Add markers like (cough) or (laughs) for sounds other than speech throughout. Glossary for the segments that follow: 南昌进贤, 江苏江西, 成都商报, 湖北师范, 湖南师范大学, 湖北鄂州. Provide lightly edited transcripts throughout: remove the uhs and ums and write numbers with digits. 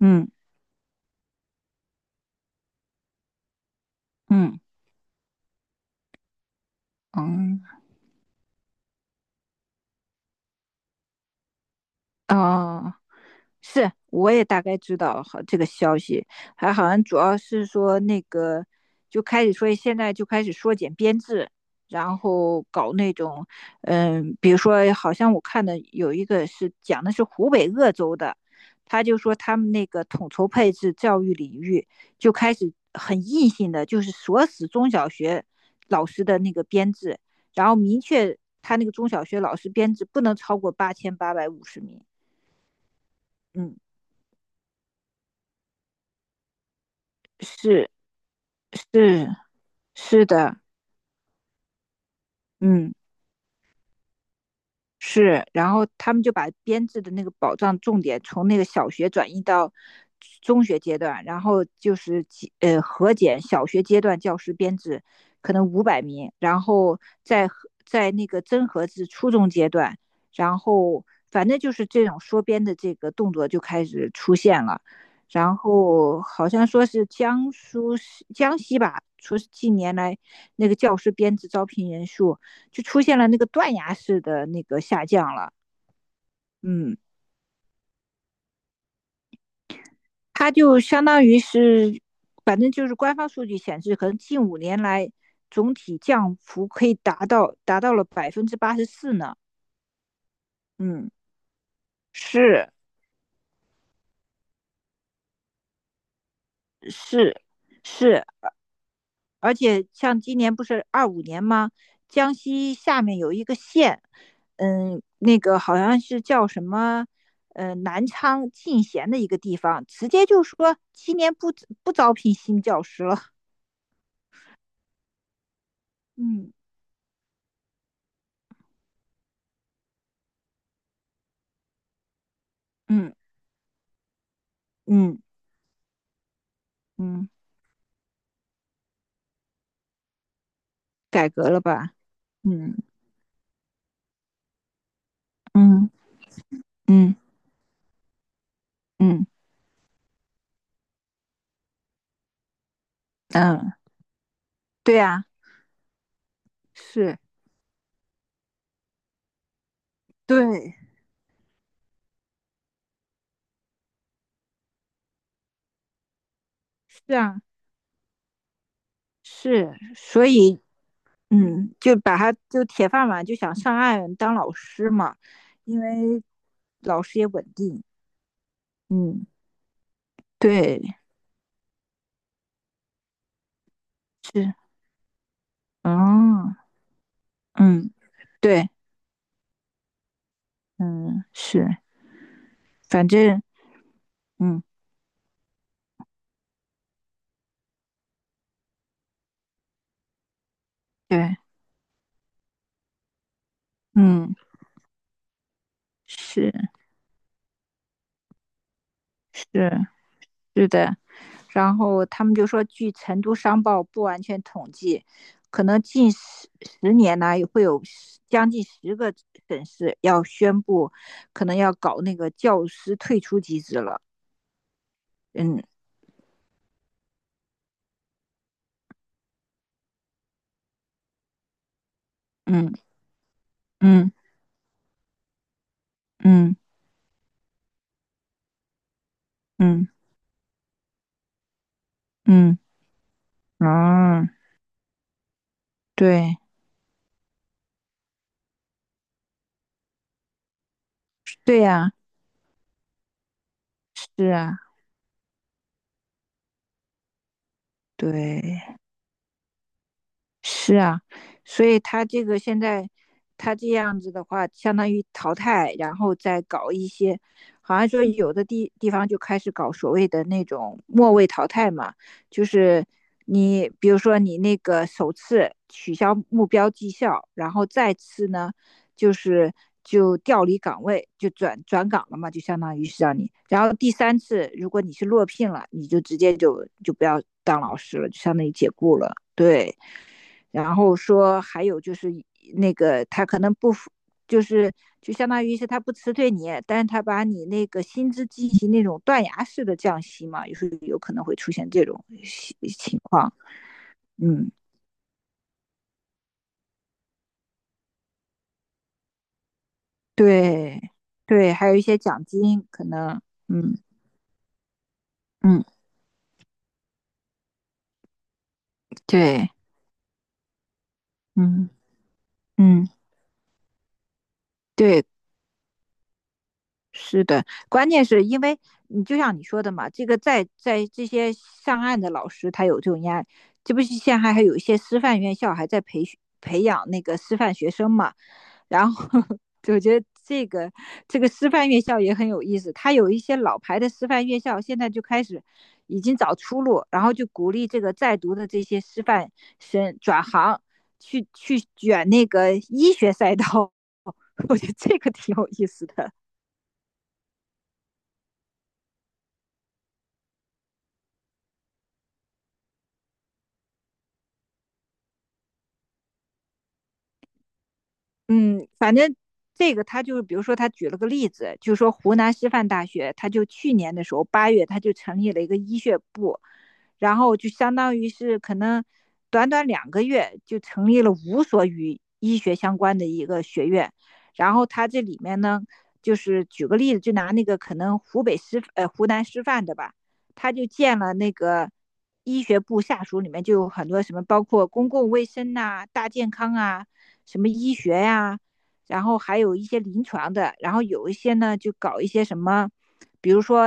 嗯嗯嗯，哦，是，我也大概知道好这个消息，还好像主要是说那个就开始说现在就开始缩减编制，然后搞那种，比如说好像我看的有一个是讲的是湖北鄂州的，他就说他们那个统筹配置教育领域就开始很硬性的，就是锁死中小学老师的那个编制，然后明确他那个中小学老师编制不能超过8,850名。嗯。是是是的。嗯，是，然后他们就把编制的那个保障重点从那个小学转移到中学阶段，然后就是核减小学阶段教师编制可能500名，然后再核在那个增核至初中阶段，然后反正就是这种缩编的这个动作就开始出现了。然后好像说是江西吧，说是近年来那个教师编制招聘人数就出现了那个断崖式的那个下降了。嗯，它就相当于是，反正就是官方数据显示，可能近五年来总体降幅可以达到了84%呢。嗯，是是是，而且像今年不是25年吗？江西下面有一个县。那个好像是叫什么？南昌进贤的一个地方，直接就说今年不招聘新教师了。嗯嗯嗯嗯，改革了吧？嗯嗯嗯嗯嗯，对啊，是，对，是啊，是，所以就把他就铁饭碗，就想上岸当老师嘛，因为老师也稳定。嗯，对，是，哦，嗯，对，嗯，是，反正嗯，对，嗯，是是是的，然后他们就说，据成都商报不完全统计，可能近十年呢，会有将近十个省市要宣布，可能要搞那个教师退出机制了。嗯嗯嗯嗯嗯嗯，啊，对对呀、是啊，对。是啊，所以他这个现在他这样子的话，相当于淘汰，然后再搞一些，好像说有的地方就开始搞所谓的那种末位淘汰嘛，就是你比如说你那个首次取消目标绩效，然后再次呢就是就调离岗位，就转岗了嘛，就相当于是让你，然后第三次如果你是落聘了，你就直接就不要当老师了，就相当于解雇了，对。然后说还有就是那个他可能不就是就相当于是他不辞退你，但是他把你那个薪资进行那种断崖式的降息嘛，有时候有可能会出现这种情况。嗯，对对，还有一些奖金可能，嗯嗯，对，嗯嗯对，是的，关键是因为你就像你说的嘛，这个在这些上岸的老师，他有这种压力。这不是现在还有一些师范院校还在培训培养那个师范学生嘛？然后 (laughs) 我觉得这个师范院校也很有意思，他有一些老牌的师范院校现在就开始已经找出路，然后就鼓励这个在读的这些师范生转行去卷那个医学赛道。(laughs) 我觉得这个挺有意思的。嗯，反正这个他就是，比如说他举了个例子，就说湖南师范大学，他就去年的时候八月，他就成立了一个医学部，然后就相当于是可能短短2个月就成立了5所与医学相关的一个学院，然后他这里面呢，就是举个例子，就拿那个可能湖南师范的吧，他就建了那个医学部下属里面就有很多什么，包括公共卫生呐、大健康啊。什么医学呀、然后还有一些临床的，然后有一些呢就搞一些什么，比如说，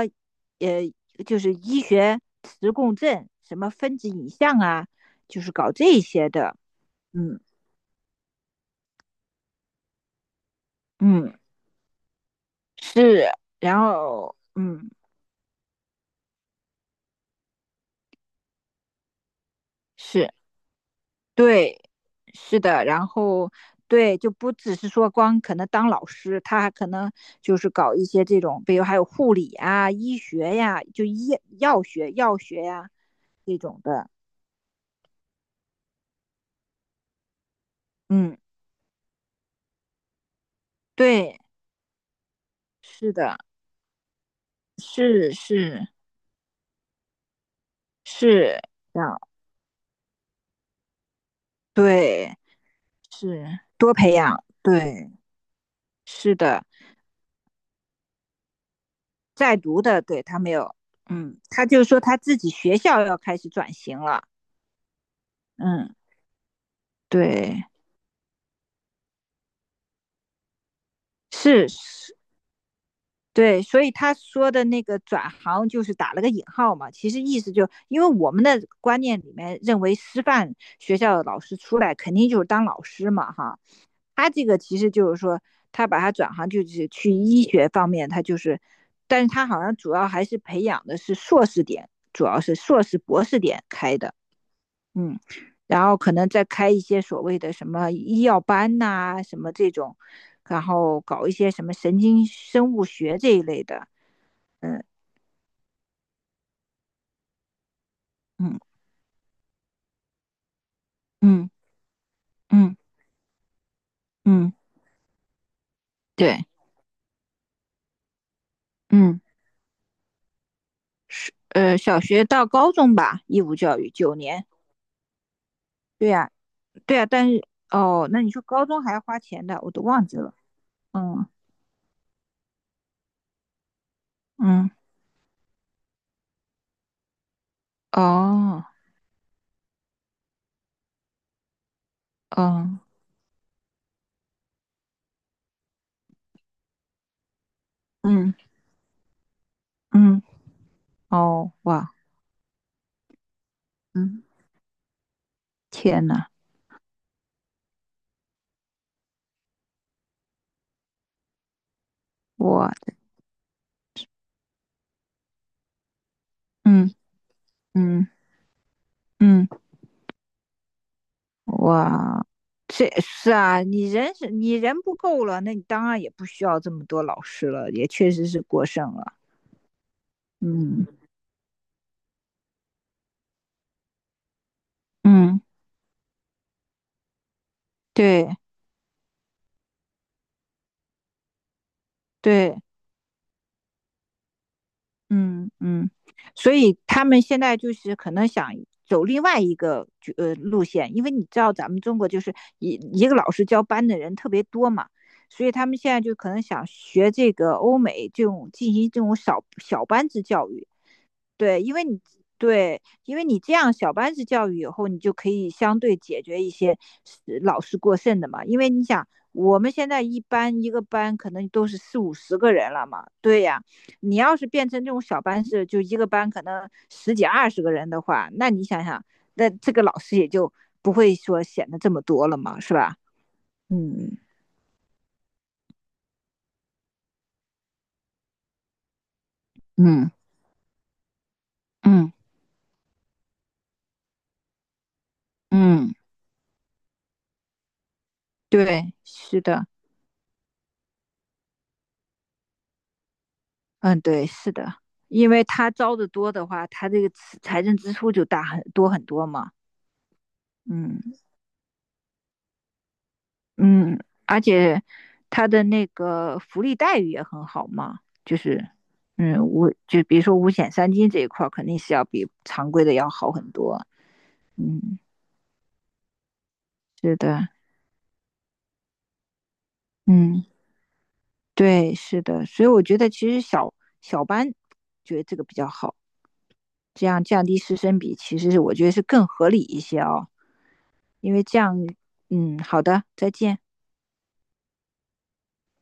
呃，就是医学磁共振、什么分子影像啊，就是搞这些的。嗯嗯，是，然后嗯是对，是的，然后对，就不只是说光可能当老师，他还可能就是搞一些这种，比如还有护理啊、医学呀、就医药学、药学呀、这种的。嗯，对，是的，是是是，这样对，是多培养，对，是的，在读的，对他没有，嗯，他就说他自己学校要开始转型了，嗯，对，是是，对，所以他说的那个转行就是打了个引号嘛，其实意思就因为我们的观念里面认为师范学校的老师出来肯定就是当老师嘛，哈，他这个其实就是说，他把他转行就是去医学方面，他就是，但是他好像主要还是培养的是硕士点，主要是硕士博士点开的，嗯，然后可能再开一些所谓的什么医药班呐、什么这种，然后搞一些什么神经生物学这一类的，嗯嗯嗯嗯嗯，对，嗯小学到高中吧，义务教育9年，对呀、啊对啊，但是哦，那你说高中还要花钱的，我都忘记了。嗯嗯，哦，哦嗯嗯，哦哇，嗯，天呐，我嗯嗯嗯，哇，这是啊，你人不够了，那你当然也不需要这么多老师了，也确实是过剩了。嗯嗯，对对，嗯嗯，所以他们现在就是可能想走另外一个路线，因为你知道咱们中国就是一个老师教班的人特别多嘛，所以他们现在就可能想学这个欧美这种进行这种小班制教育，对，因为你这样小班制教育以后，你就可以相对解决一些是老师过剩的嘛。因为你想，我们现在一个班可能都是四五十个人了嘛。对呀，你要是变成这种小班制，就一个班可能十几二十个人的话，那你想想，那这个老师也就不会说显得这么多了嘛，是吧？嗯嗯嗯嗯，对，是的。嗯，对，是的，因为他招的多的话，他这个财政支出就大很多很多嘛。嗯嗯，而且他的那个福利待遇也很好嘛，就是就比如说五险三金这一块儿肯定是要比常规的要好很多。嗯，是的，嗯，对，是的，所以我觉得其实小班觉得这个比较好，这样降低师生比，其实是我觉得是更合理一些哦，因为这样，嗯，好的，再见。